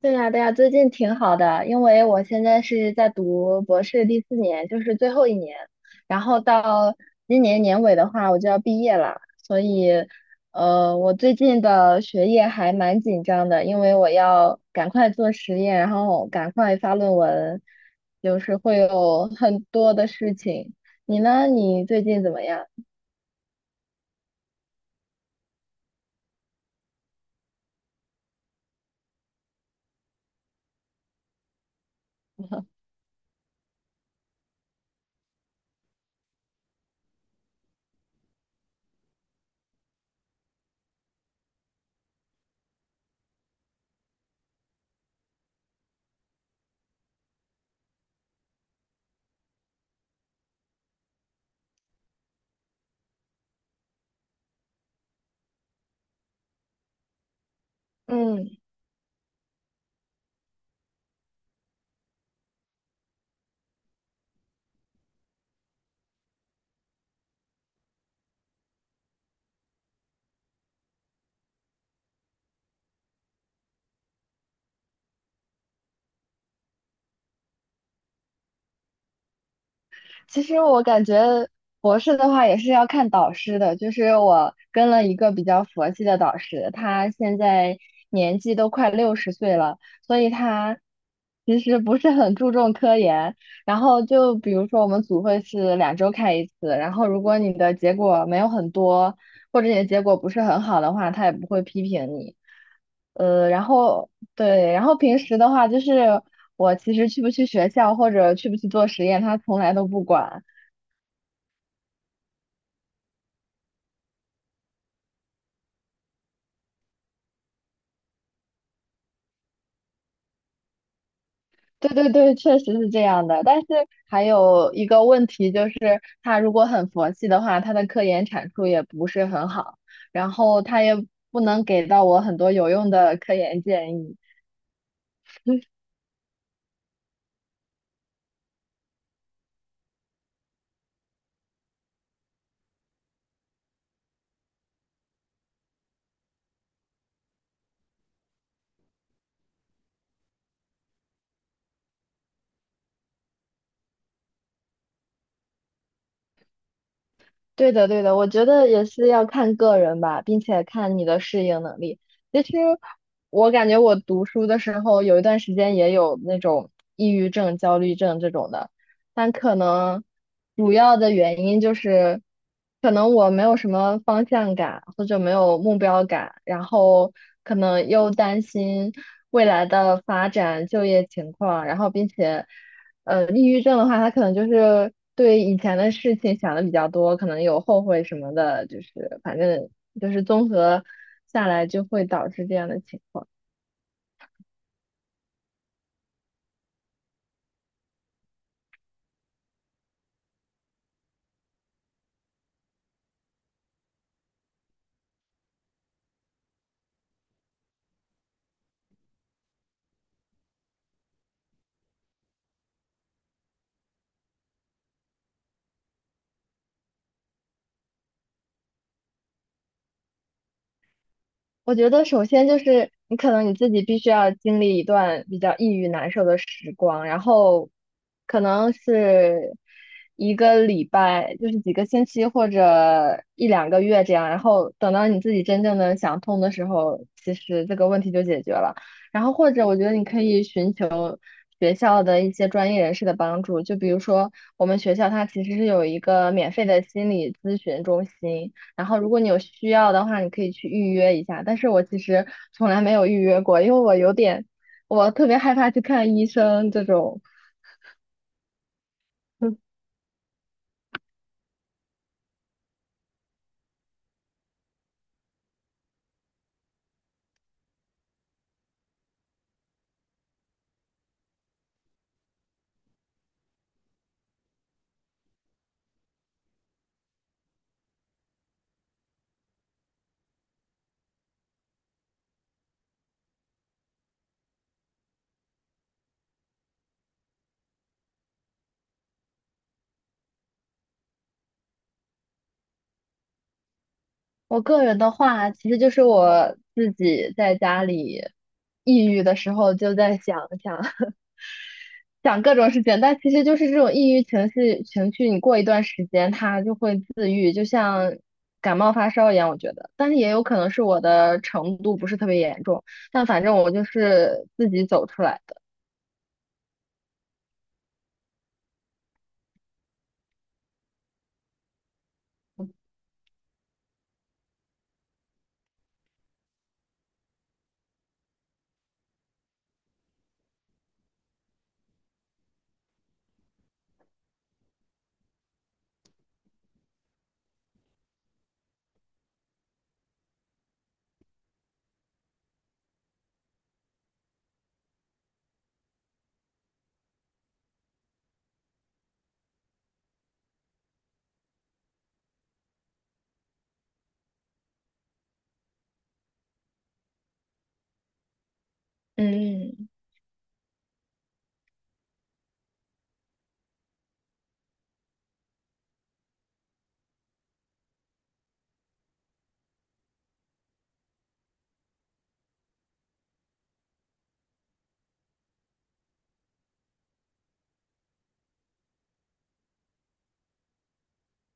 对呀，对呀，最近挺好的，因为我现在是在读博士第4年，就是最后一年，然后到今年年尾的话，我就要毕业了，所以，我最近的学业还蛮紧张的，因为我要赶快做实验，然后赶快发论文，就是会有很多的事情。你呢？你最近怎么样？嗯。其实我感觉博士的话也是要看导师的，就是我跟了一个比较佛系的导师，他现在年纪都快60岁了，所以他其实不是很注重科研。然后就比如说我们组会是2周开一次，然后如果你的结果没有很多，或者你的结果不是很好的话，他也不会批评你。然后对，然后平时的话，就是我其实去不去学校或者去不去做实验，他从来都不管。对对对，确实是这样的。但是还有一个问题就是，他如果很佛系的话，他的科研产出也不是很好，然后他也不能给到我很多有用的科研建议。对的，对的，我觉得也是要看个人吧，并且看你的适应能力。其实我感觉我读书的时候有一段时间也有那种抑郁症、焦虑症这种的，但可能主要的原因就是可能我没有什么方向感或者没有目标感，然后可能又担心未来的发展、就业情况，然后并且。抑郁症的话，他可能就是对以前的事情想的比较多，可能有后悔什么的，就是反正就是综合下来就会导致这样的情况。我觉得首先就是你可能你自己必须要经历一段比较抑郁难受的时光，然后可能是1个礼拜，就是几个星期或者1到2个月这样，然后等到你自己真正的想通的时候，其实这个问题就解决了。然后或者我觉得你可以寻求学校的一些专业人士的帮助，就比如说我们学校它其实是有一个免费的心理咨询中心。然后如果你有需要的话，你可以去预约一下。但是我其实从来没有预约过，因为我有点，我特别害怕去看医生这种。嗯我个人的话，其实就是我自己在家里抑郁的时候，就在想想 想各种事情，但其实就是这种抑郁情绪，你过一段时间它就会自愈，就像感冒发烧一样，我觉得。但是也有可能是我的程度不是特别严重，但反正我就是自己走出来。的。嗯，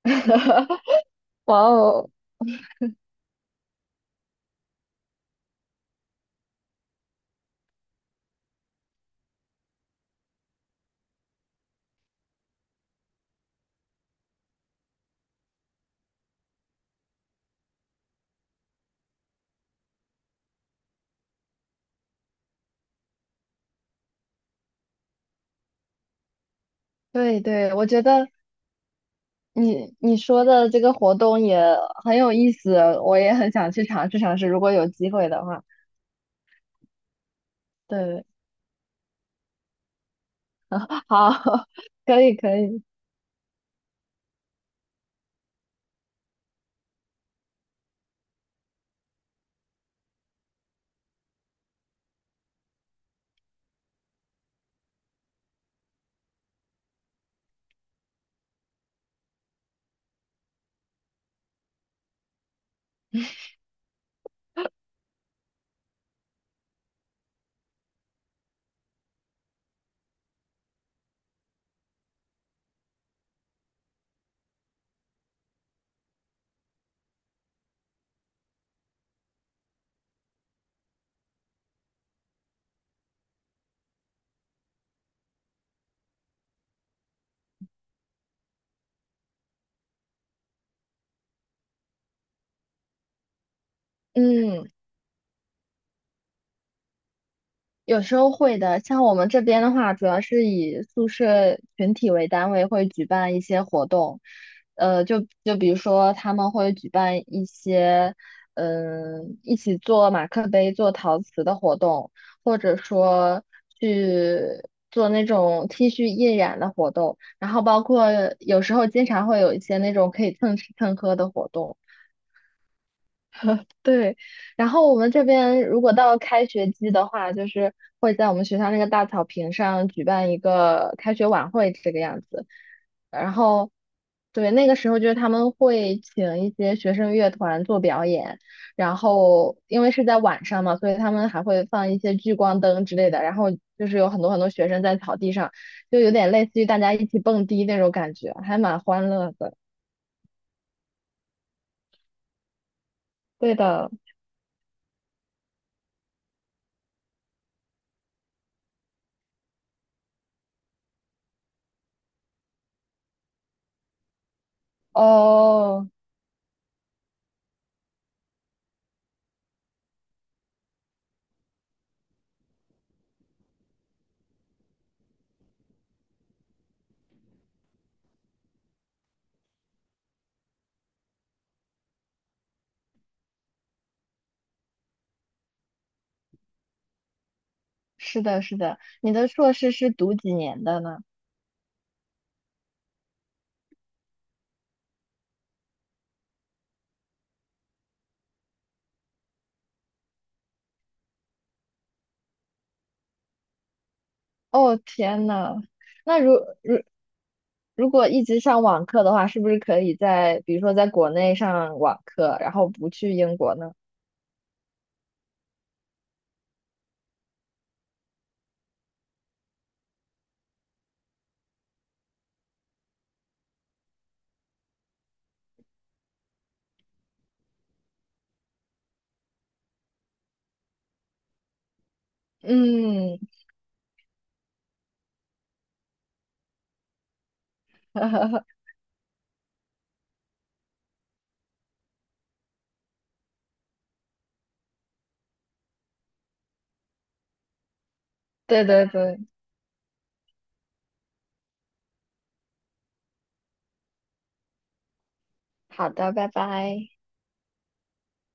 哇哦，对对，我觉得你你说的这个活动也很有意思，我也很想去尝试尝试，如果有机会的话。对，好，可以可以，嗯。有时候会的，像我们这边的话，主要是以宿舍群体为单位，会举办一些活动，就比如说他们会举办一些，嗯、一起做马克杯、做陶瓷的活动，或者说去做那种 T 恤印染的活动，然后包括有时候经常会有一些那种可以蹭吃蹭喝的活动。对，然后我们这边如果到开学季的话，就是会在我们学校那个大草坪上举办一个开学晚会这个样子。然后，对，那个时候就是他们会请一些学生乐团做表演，然后因为是在晚上嘛，所以他们还会放一些聚光灯之类的。然后就是有很多很多学生在草地上，就有点类似于大家一起蹦迪那种感觉，还蛮欢乐的。对的，哦。是的，是的，你的硕士是读几年的呢？哦，天呐，那如如果一直上网课的话，是不是可以在比如说在国内上网课，然后不去英国呢？嗯，对对对，好的，拜拜。